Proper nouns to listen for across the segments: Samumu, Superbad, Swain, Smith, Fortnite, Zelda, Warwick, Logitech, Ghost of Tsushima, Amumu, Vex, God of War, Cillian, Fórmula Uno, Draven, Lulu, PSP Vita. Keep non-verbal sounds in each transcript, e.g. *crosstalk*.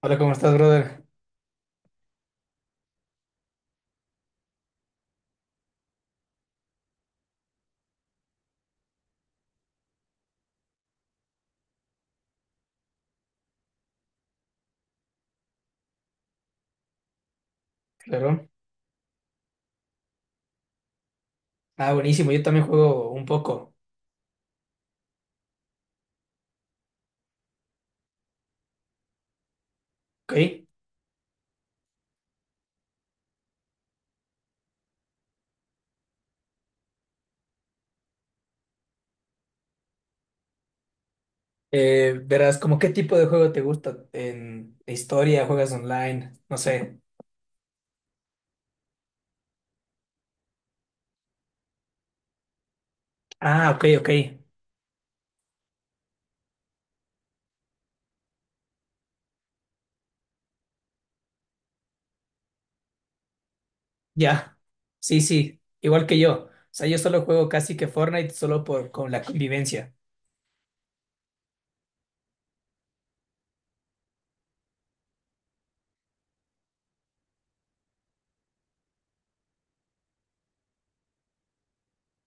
Hola, ¿cómo estás, brother? Claro. Ah, buenísimo. Yo también juego un poco, ¿ok? Verás, ¿cómo qué tipo de juego te gusta? ¿En historia? ¿Juegas online? No sé. Ah, ok, ok. Ya. Sí, sí. Igual que yo. O sea, yo solo juego casi que Fortnite solo por con la convivencia.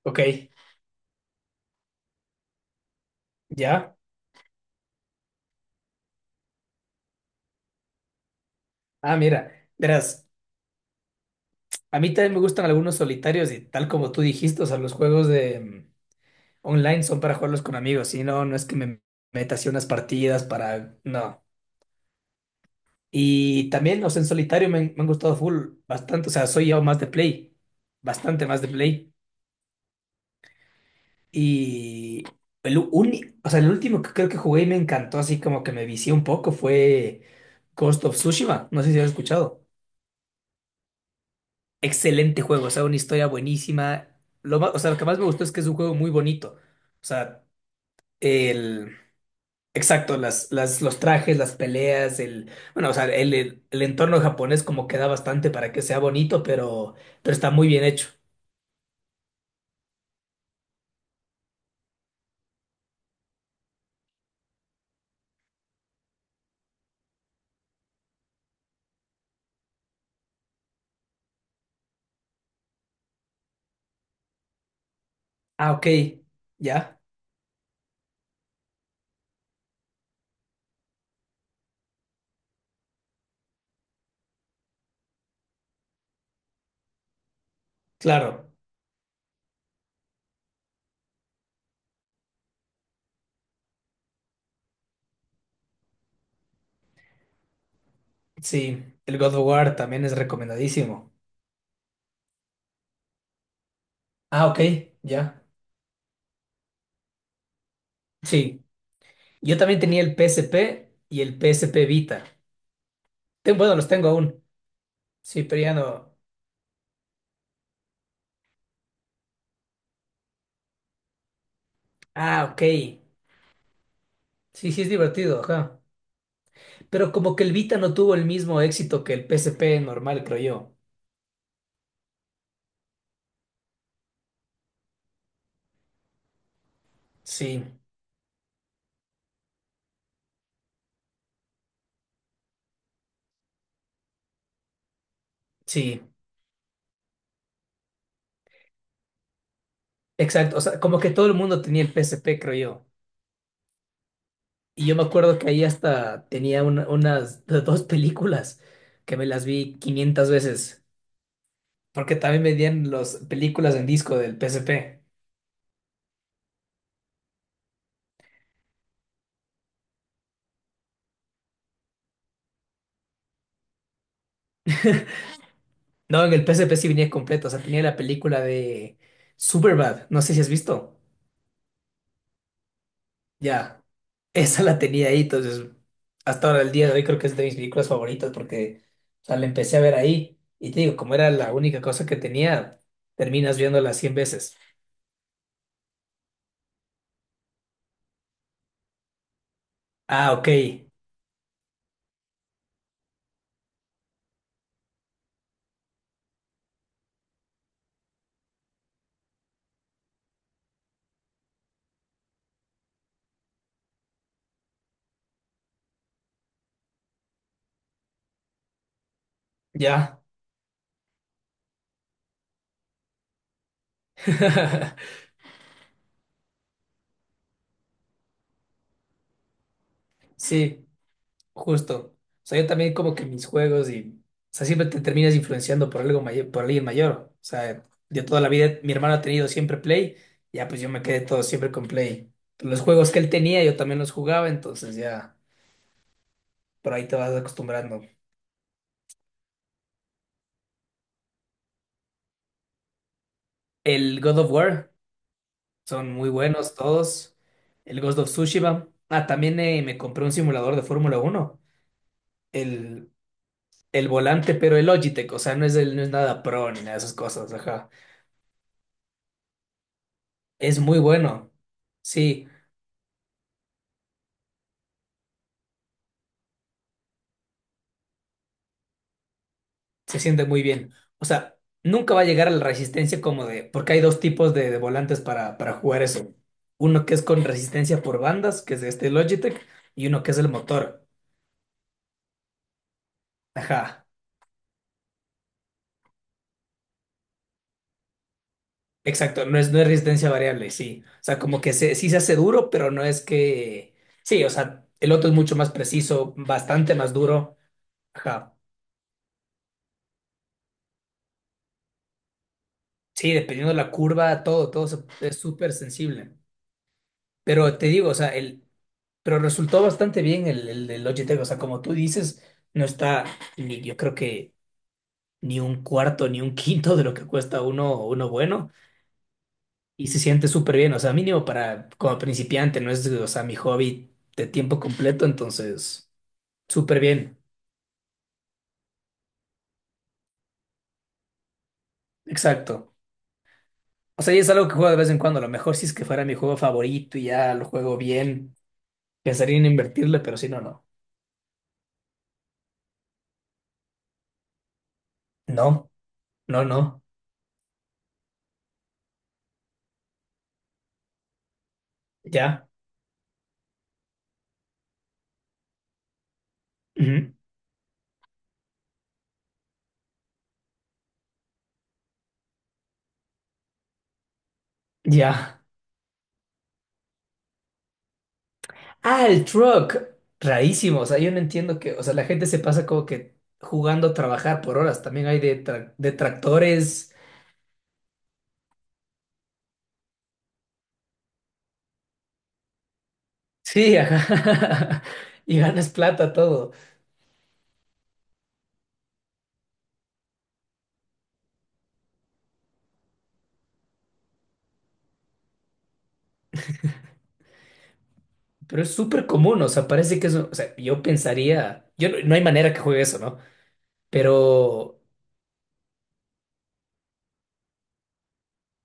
Ok. Ya. Ah, mira. Verás, a mí también me gustan algunos solitarios y tal como tú dijiste, o sea, los juegos de online son para jugarlos con amigos. Si no, no es que me meta así unas partidas para... No. Y también, o sea, en solitario me han gustado full, bastante, o sea, soy yo más de play, bastante más de play. Y el único, o sea, el último que creo que jugué y me encantó, así como que me vicié un poco, fue Ghost of Tsushima, no sé si has escuchado. Excelente juego, o sea, una historia buenísima. Lo más, o sea, lo que más me gustó es que es un juego muy bonito. O sea, el, exacto, los trajes, las peleas, bueno, o sea, el entorno japonés como que da bastante para que sea bonito, pero está muy bien hecho. Ah, ok, ya, claro, sí, el God of War también es recomendadísimo. Ah, ok, ya, sí. Yo también tenía el PSP y el PSP Vita. Bueno, los tengo aún. Sí, pero ya no. Ah, ok, sí, sí es divertido, ajá. Pero como que el Vita no tuvo el mismo éxito que el PSP normal, creo yo. Sí, sí. Exacto, o sea, como que todo el mundo tenía el P S P, creo yo. Y yo me acuerdo que ahí hasta tenía unas *laughs* dos películas que me las vi quinientas veces, porque también vendían las películas en disco del P S P. No, en el P S P sí venía completo, o sea, tenía la película de Superbad, no sé si has visto. Ya, esa la tenía ahí, entonces hasta ahora el día de hoy creo que es de mis películas favoritas porque, o sea, la empecé a ver ahí. Y te digo, como era la única cosa que tenía, terminas viéndola 100 veces. Ah, ok. Ya, *laughs* sí, justo. O sea, yo también como que mis juegos y, o sea, siempre te terminas influenciando por algo mayor, por alguien mayor. O sea, yo toda la vida mi hermano ha tenido siempre Play, ya pues yo me quedé todo siempre con Play. Los juegos que él tenía yo también los jugaba, entonces ya por ahí te vas acostumbrando. El God of War, son muy buenos todos. El Ghost of Tsushima. Ah, también me compré un simulador de Fórmula Uno. El, el volante, pero el Logitech, o sea, no es, no es nada pro ni nada de esas cosas, ajá. Es muy bueno. Sí, se siente muy bien. O sea, nunca va a llegar a la resistencia como de, porque hay dos tipos de volantes para jugar eso. Uno que es con resistencia por bandas, que es de este Logitech, y uno que es el motor. Ajá, exacto, no es resistencia variable, sí. O sea, como que sí se hace duro, pero no es que... Sí, o sea, el otro es mucho más preciso, bastante más duro. Ajá, sí, dependiendo de la curva, todo es súper sensible. Pero te digo, o sea, pero resultó bastante bien el de Logitech. O sea, como tú dices, no está ni yo creo que ni un cuarto ni un *laughs* quinto de lo que cuesta uno bueno. Y se siente súper bien. O sea, mínimo para como principiante, no es, o sea, mi hobby de tiempo completo. Entonces, súper bien. Exacto. O sea, y es algo que juego de vez en cuando. A lo mejor si es que fuera mi juego favorito y ya lo juego bien, pensaría en invertirle, pero si no, no. No, no, no. Ya. Ujú. Ya. Ah, el truck. Rarísimo. O sea, yo no entiendo que. O sea, la gente se pasa como que jugando a trabajar por horas. También hay de tractores. Sí, ajá. *laughs* Y ganas plata, todo. Pero es súper común. O sea, parece que es. O sea, yo pensaría. Yo no, No hay manera que juegue eso, ¿no? Pero.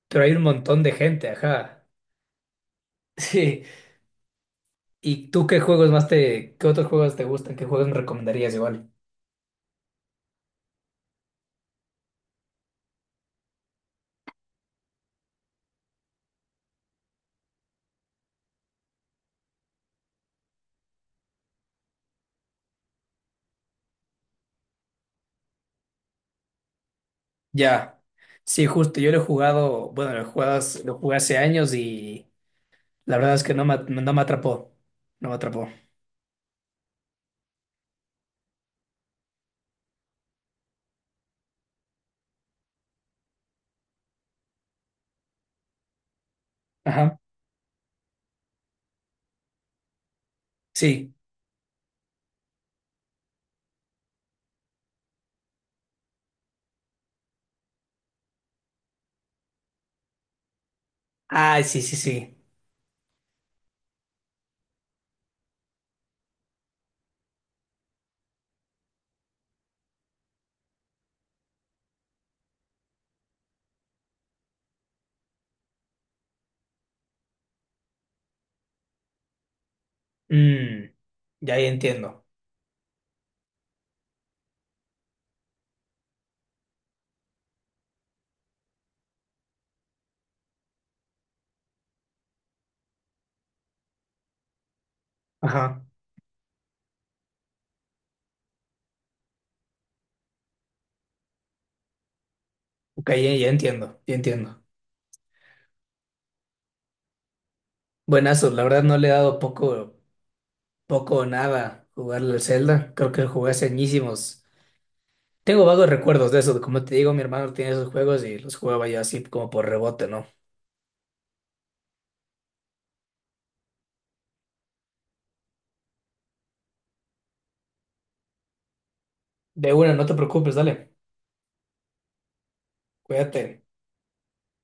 Pero Hay un montón de gente, ajá. *laughs* Sí. ¿Y tú qué juegos más te? ¿Qué otros juegos te gustan? ¿Qué juegos me recomendarías igual? Ya. Sí, justo. Yo lo he jugado. Bueno, lo he jugado, lo jugué hace años y. La verdad es que no me atrapó. No me atrapó. Ajá. Sí. Ah, sí, sí, sí. Mm, ya, ya entiendo. Ajá. Ok, ya, ya entiendo. Ya entiendo. Buenazo. La verdad no le he dado poco o nada jugarle al Zelda. Creo que lo jugué hace añísimos. Tengo vagos recuerdos de eso. Como te digo, mi hermano tenía esos juegos y los jugaba yo así como por rebote, ¿no? De una, no te preocupes, dale. Cuídate.